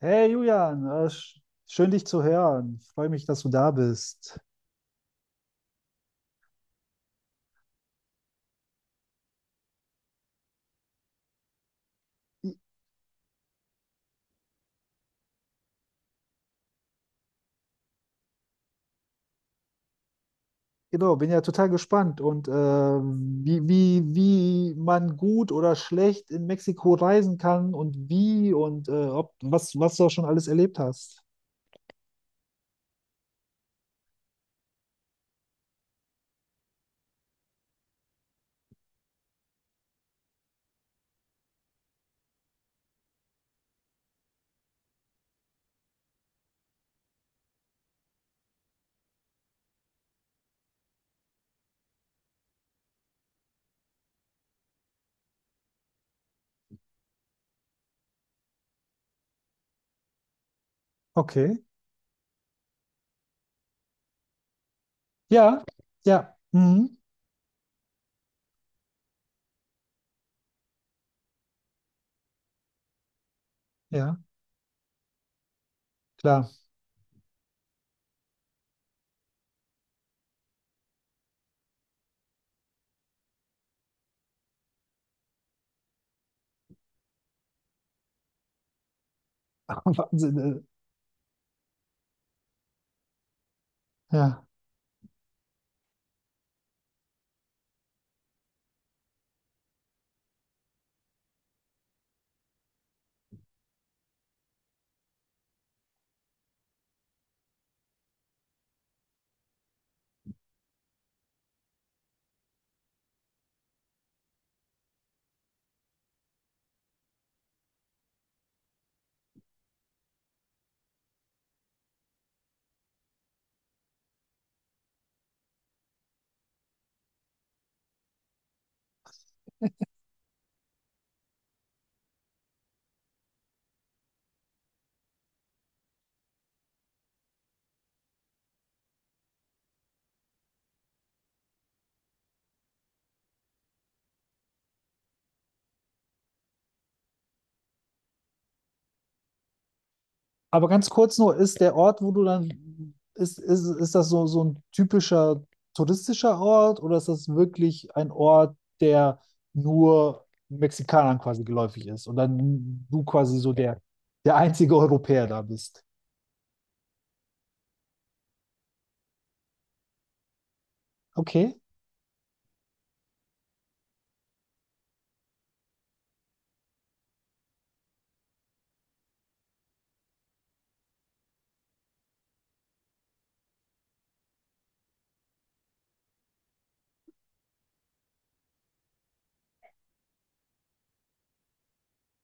Hey Julian, schön dich zu hören. Freue mich, dass du da bist. I- Genau, bin ja total gespannt und wie man gut oder schlecht in Mexiko reisen kann und wie und was du schon alles erlebt hast. Okay. Ja, ja, mhm. Ja, klar. Wahnsinn, ja. Aber ganz kurz nur, ist der Ort, wo du dann, ist das so, so ein typischer touristischer Ort oder ist das wirklich ein Ort, der nur Mexikanern quasi geläufig ist und dann du quasi so der einzige Europäer da bist? Okay.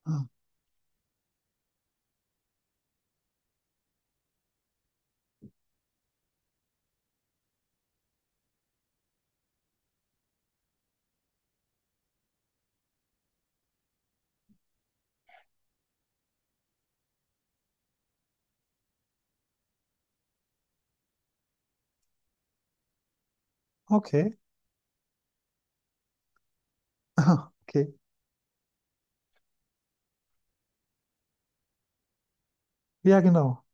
Ah, okay. Ah, okay. Ja, genau.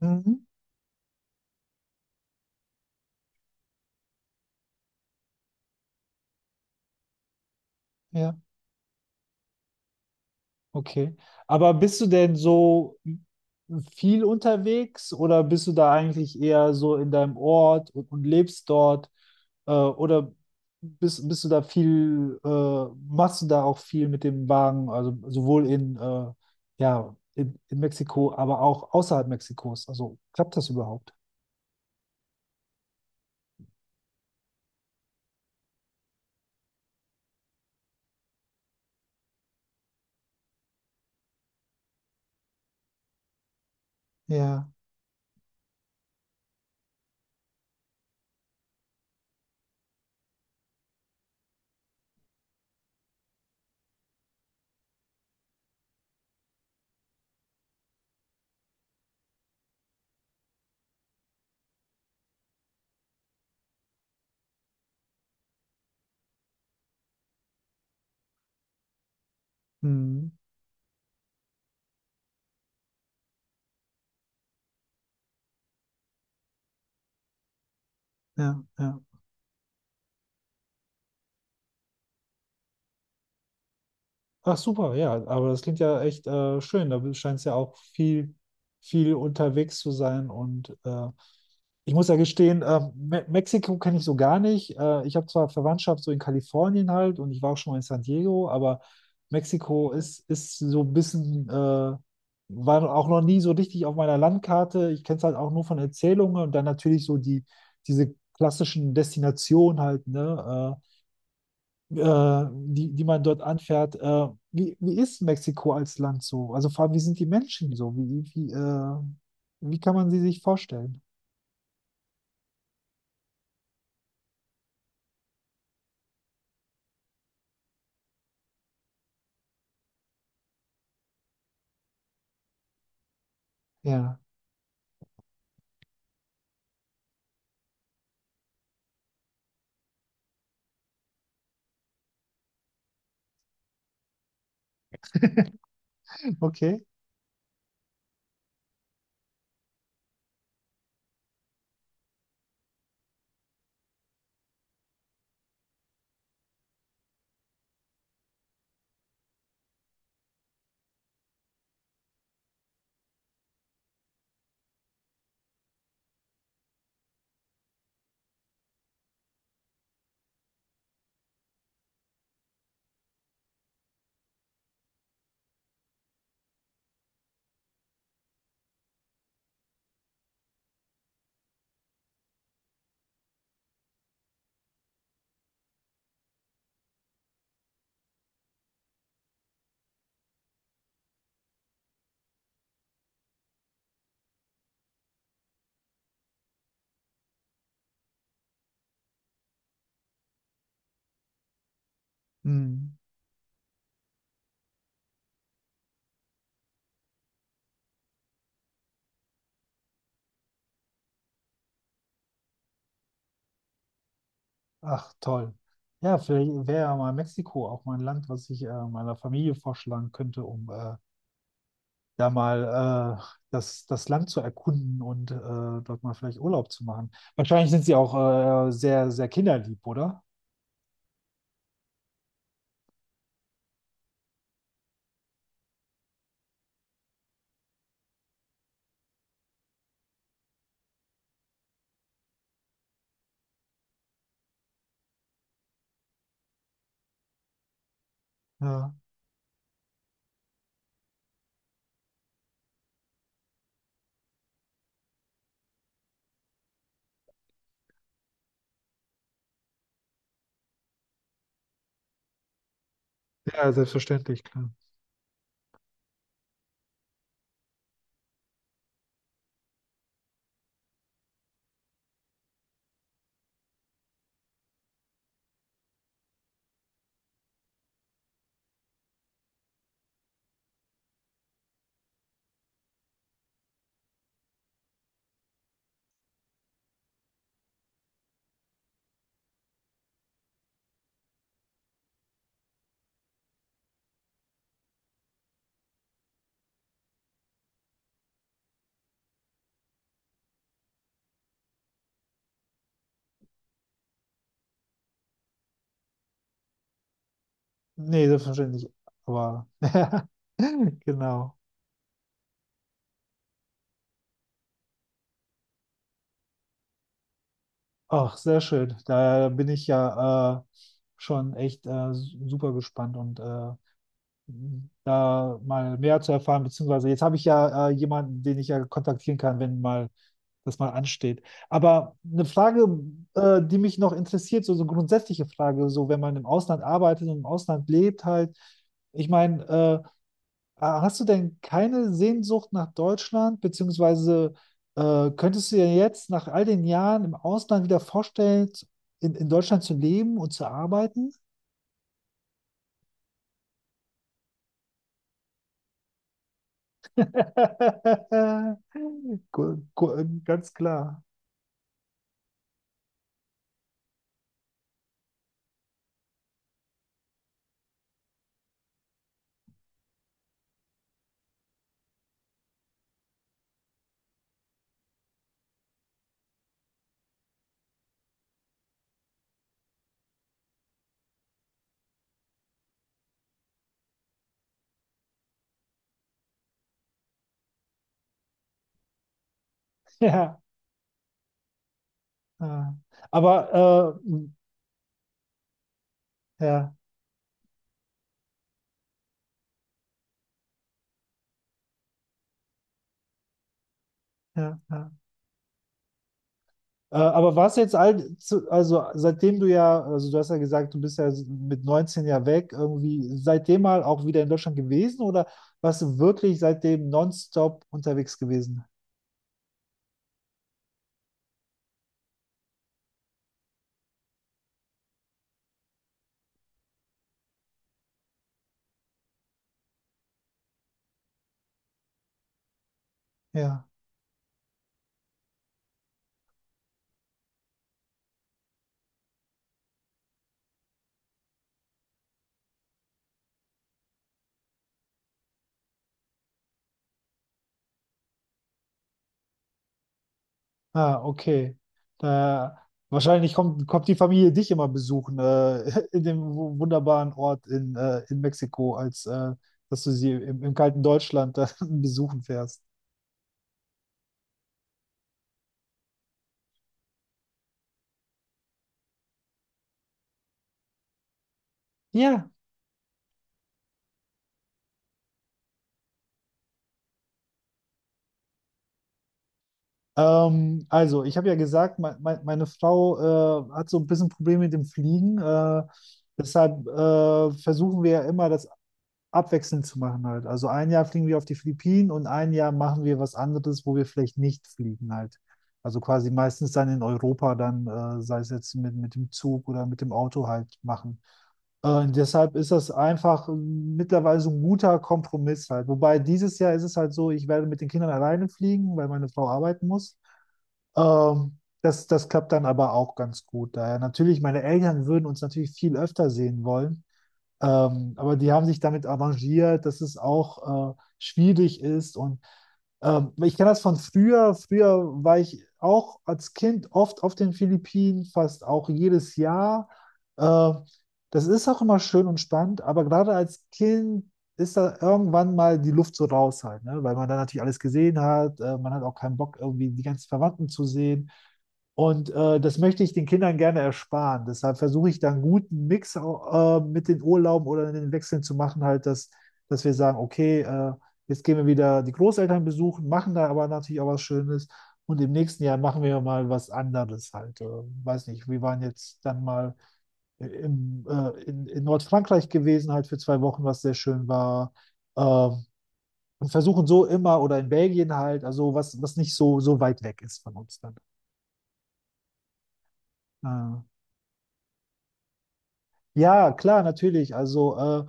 Mhm. Ja. Okay. Aber bist du denn so viel unterwegs oder bist du da eigentlich eher so in deinem Ort und lebst dort? Oder bist du da viel, machst du da auch viel mit dem Wagen, also sowohl in, ja, in Mexiko, aber auch außerhalb Mexikos? Also klappt das überhaupt? Ja. Hm. Ja, ja. Ach super, ja, aber das klingt ja echt schön. Da scheint es ja auch viel, viel unterwegs zu sein. Und ich muss ja gestehen, Me Mexiko kenne ich so gar nicht. Ich habe zwar Verwandtschaft so in Kalifornien halt und ich war auch schon mal in San Diego, aber Mexiko ist so ein bisschen, war auch noch nie so richtig auf meiner Landkarte. Ich kenne es halt auch nur von Erzählungen und dann natürlich so die, diese klassischen Destinationen halt, ne? Die man dort anfährt. Wie ist Mexiko als Land so? Also vor allem, wie sind die Menschen so? Wie kann man sie sich vorstellen? Ja, okay. Hm. Ach, toll. Ja, vielleicht wäre ja mal Mexiko auch mal ein Land, was ich meiner Familie vorschlagen könnte, um da mal das Land zu erkunden und dort mal vielleicht Urlaub zu machen. Wahrscheinlich sind sie auch sehr, sehr kinderlieb, oder? Ja, ja, selbstverständlich, klar. Nee, selbstverständlich. Aber genau. Ach, sehr schön. Da bin ich ja schon echt super gespannt und da mal mehr zu erfahren, beziehungsweise jetzt habe ich ja jemanden, den ich ja kontaktieren kann, wenn mal das mal ansteht. Aber eine Frage, die mich noch interessiert, so, so grundsätzliche Frage, so wenn man im Ausland arbeitet und im Ausland lebt halt, ich meine, hast du denn keine Sehnsucht nach Deutschland, beziehungsweise könntest du dir jetzt nach all den Jahren im Ausland wieder vorstellen, in Deutschland zu leben und zu arbeiten? Ganz klar. Ja. Ja. Aber hm, ja, ja, ja. Aber warst du jetzt also seitdem du ja, also du hast ja gesagt, du bist ja mit 19 ja weg, irgendwie seitdem mal auch wieder in Deutschland gewesen oder warst du wirklich seitdem nonstop unterwegs gewesen? Ja. Ah, okay. Da, wahrscheinlich kommt die Familie dich immer besuchen, in dem wunderbaren Ort in Mexiko, als dass du sie im kalten Deutschland besuchen fährst. Ja. Also, ich habe ja gesagt, me me meine Frau hat so ein bisschen Probleme mit dem Fliegen. Deshalb versuchen wir ja immer, das abwechselnd zu machen halt. Also ein Jahr fliegen wir auf die Philippinen und ein Jahr machen wir was anderes, wo wir vielleicht nicht fliegen halt. Also quasi meistens dann in Europa dann, sei es jetzt mit dem Zug oder mit dem Auto halt machen. Deshalb ist das einfach mittlerweile so ein guter Kompromiss halt. Wobei dieses Jahr ist es halt so, ich werde mit den Kindern alleine fliegen, weil meine Frau arbeiten muss. Das das klappt dann aber auch ganz gut. Daher natürlich, meine Eltern würden uns natürlich viel öfter sehen wollen, aber die haben sich damit arrangiert, dass es auch schwierig ist. Und ich kenne das von früher. Früher war ich auch als Kind oft auf den Philippinen, fast auch jedes Jahr. Äh, Das ist auch immer schön und spannend, aber gerade als Kind ist da irgendwann mal die Luft so raus halt, ne? Weil man dann natürlich alles gesehen hat. Man hat auch keinen Bock, irgendwie die ganzen Verwandten zu sehen. Und das möchte ich den Kindern gerne ersparen. Deshalb versuche ich dann einen guten Mix mit den Urlauben oder den Wechseln zu machen, halt, dass wir sagen, okay, jetzt gehen wir wieder die Großeltern besuchen, machen da aber natürlich auch was Schönes. Und im nächsten Jahr machen wir mal was anderes halt. Weiß nicht, wir waren jetzt dann mal in Nordfrankreich gewesen, halt für 2 Wochen, was sehr schön war. Und versuchen so immer, oder in Belgien halt, also was nicht so, so weit weg ist von uns dann. Äh, Ja, klar, natürlich. Also,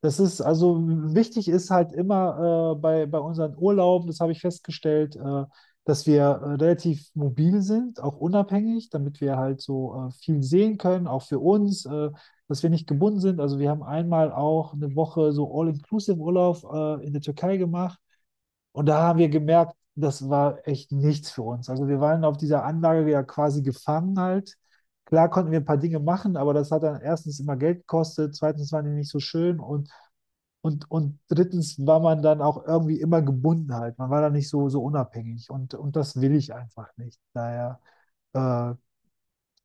das ist, also wichtig ist halt immer bei unseren Urlauben, das habe ich festgestellt, dass wir relativ mobil sind, auch unabhängig, damit wir halt so viel sehen können, auch für uns, dass wir nicht gebunden sind. Also, wir haben einmal auch eine Woche so All-Inclusive-Urlaub in der Türkei gemacht. Und da haben wir gemerkt, das war echt nichts für uns. Also wir waren auf dieser Anlage ja quasi gefangen halt. Klar konnten wir ein paar Dinge machen, aber das hat dann erstens immer Geld gekostet, zweitens waren die nicht so schön und, drittens war man dann auch irgendwie immer gebunden halt. Man war da nicht so, so unabhängig und das will ich einfach nicht. Daher äh,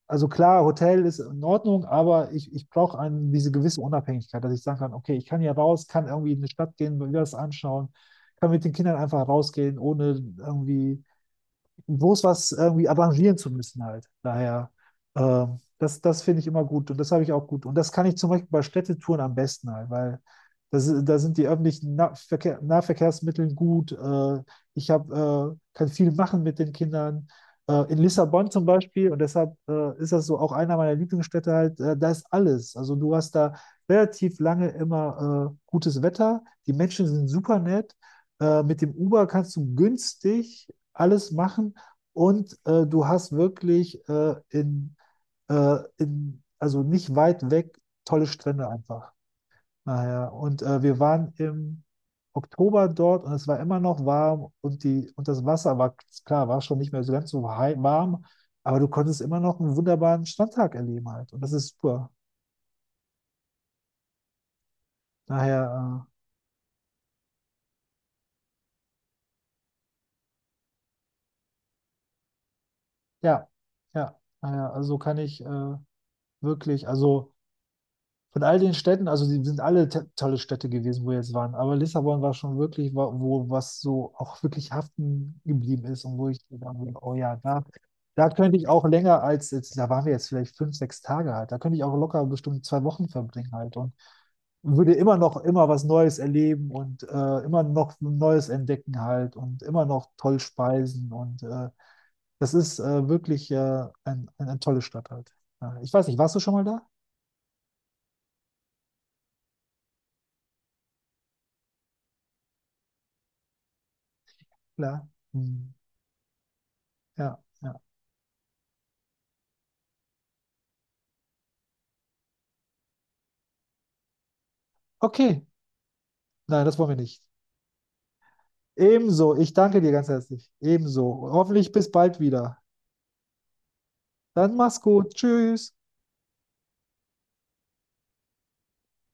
also klar, Hotel ist in Ordnung, aber ich brauche eine, diese gewisse Unabhängigkeit, dass ich sagen kann, okay, ich kann hier raus, kann irgendwie in eine Stadt gehen, mir das anschauen, kann mit den Kindern einfach rausgehen, ohne irgendwie bloß was irgendwie arrangieren zu müssen halt. Daher, das finde ich immer gut und das habe ich auch gut. Und das kann ich zum Beispiel bei Städtetouren am besten halt, weil da sind die öffentlichen Nahverkehrsmittel gut. Ich kann viel machen mit den Kindern. In Lissabon zum Beispiel, und deshalb ist das so auch einer meiner Lieblingsstädte halt, da ist alles. Also du hast da relativ lange immer gutes Wetter, die Menschen sind super nett. Mit dem Uber kannst du günstig alles machen. Und du hast wirklich in, also nicht weit weg, tolle Strände einfach. Naja, und wir waren im Oktober dort und es war immer noch warm und das Wasser war, klar, war schon nicht mehr so ganz so warm, aber du konntest immer noch einen wunderbaren Strandtag erleben halt. Und das ist super. Daher, ja, ja, naja, also kann ich wirklich, also. Von all den Städten, also die sind alle tolle Städte gewesen, wo wir jetzt waren, aber Lissabon war schon wirklich, wo was so auch wirklich haften geblieben ist und wo ich gedacht habe, oh ja, da könnte ich auch länger als, jetzt, da waren wir jetzt vielleicht fünf, sechs Tage halt, da könnte ich auch locker bestimmt 2 Wochen verbringen halt und würde immer noch immer was Neues erleben und immer noch Neues entdecken halt und immer noch toll speisen und das ist wirklich eine tolle Stadt halt. Ja, ich weiß nicht, warst du schon mal da? Klar. Hm. Ja, ja. Okay, nein, das wollen wir nicht. Ebenso, ich danke dir ganz herzlich. Ebenso. Hoffentlich bis bald wieder. Dann mach's gut. Tschüss.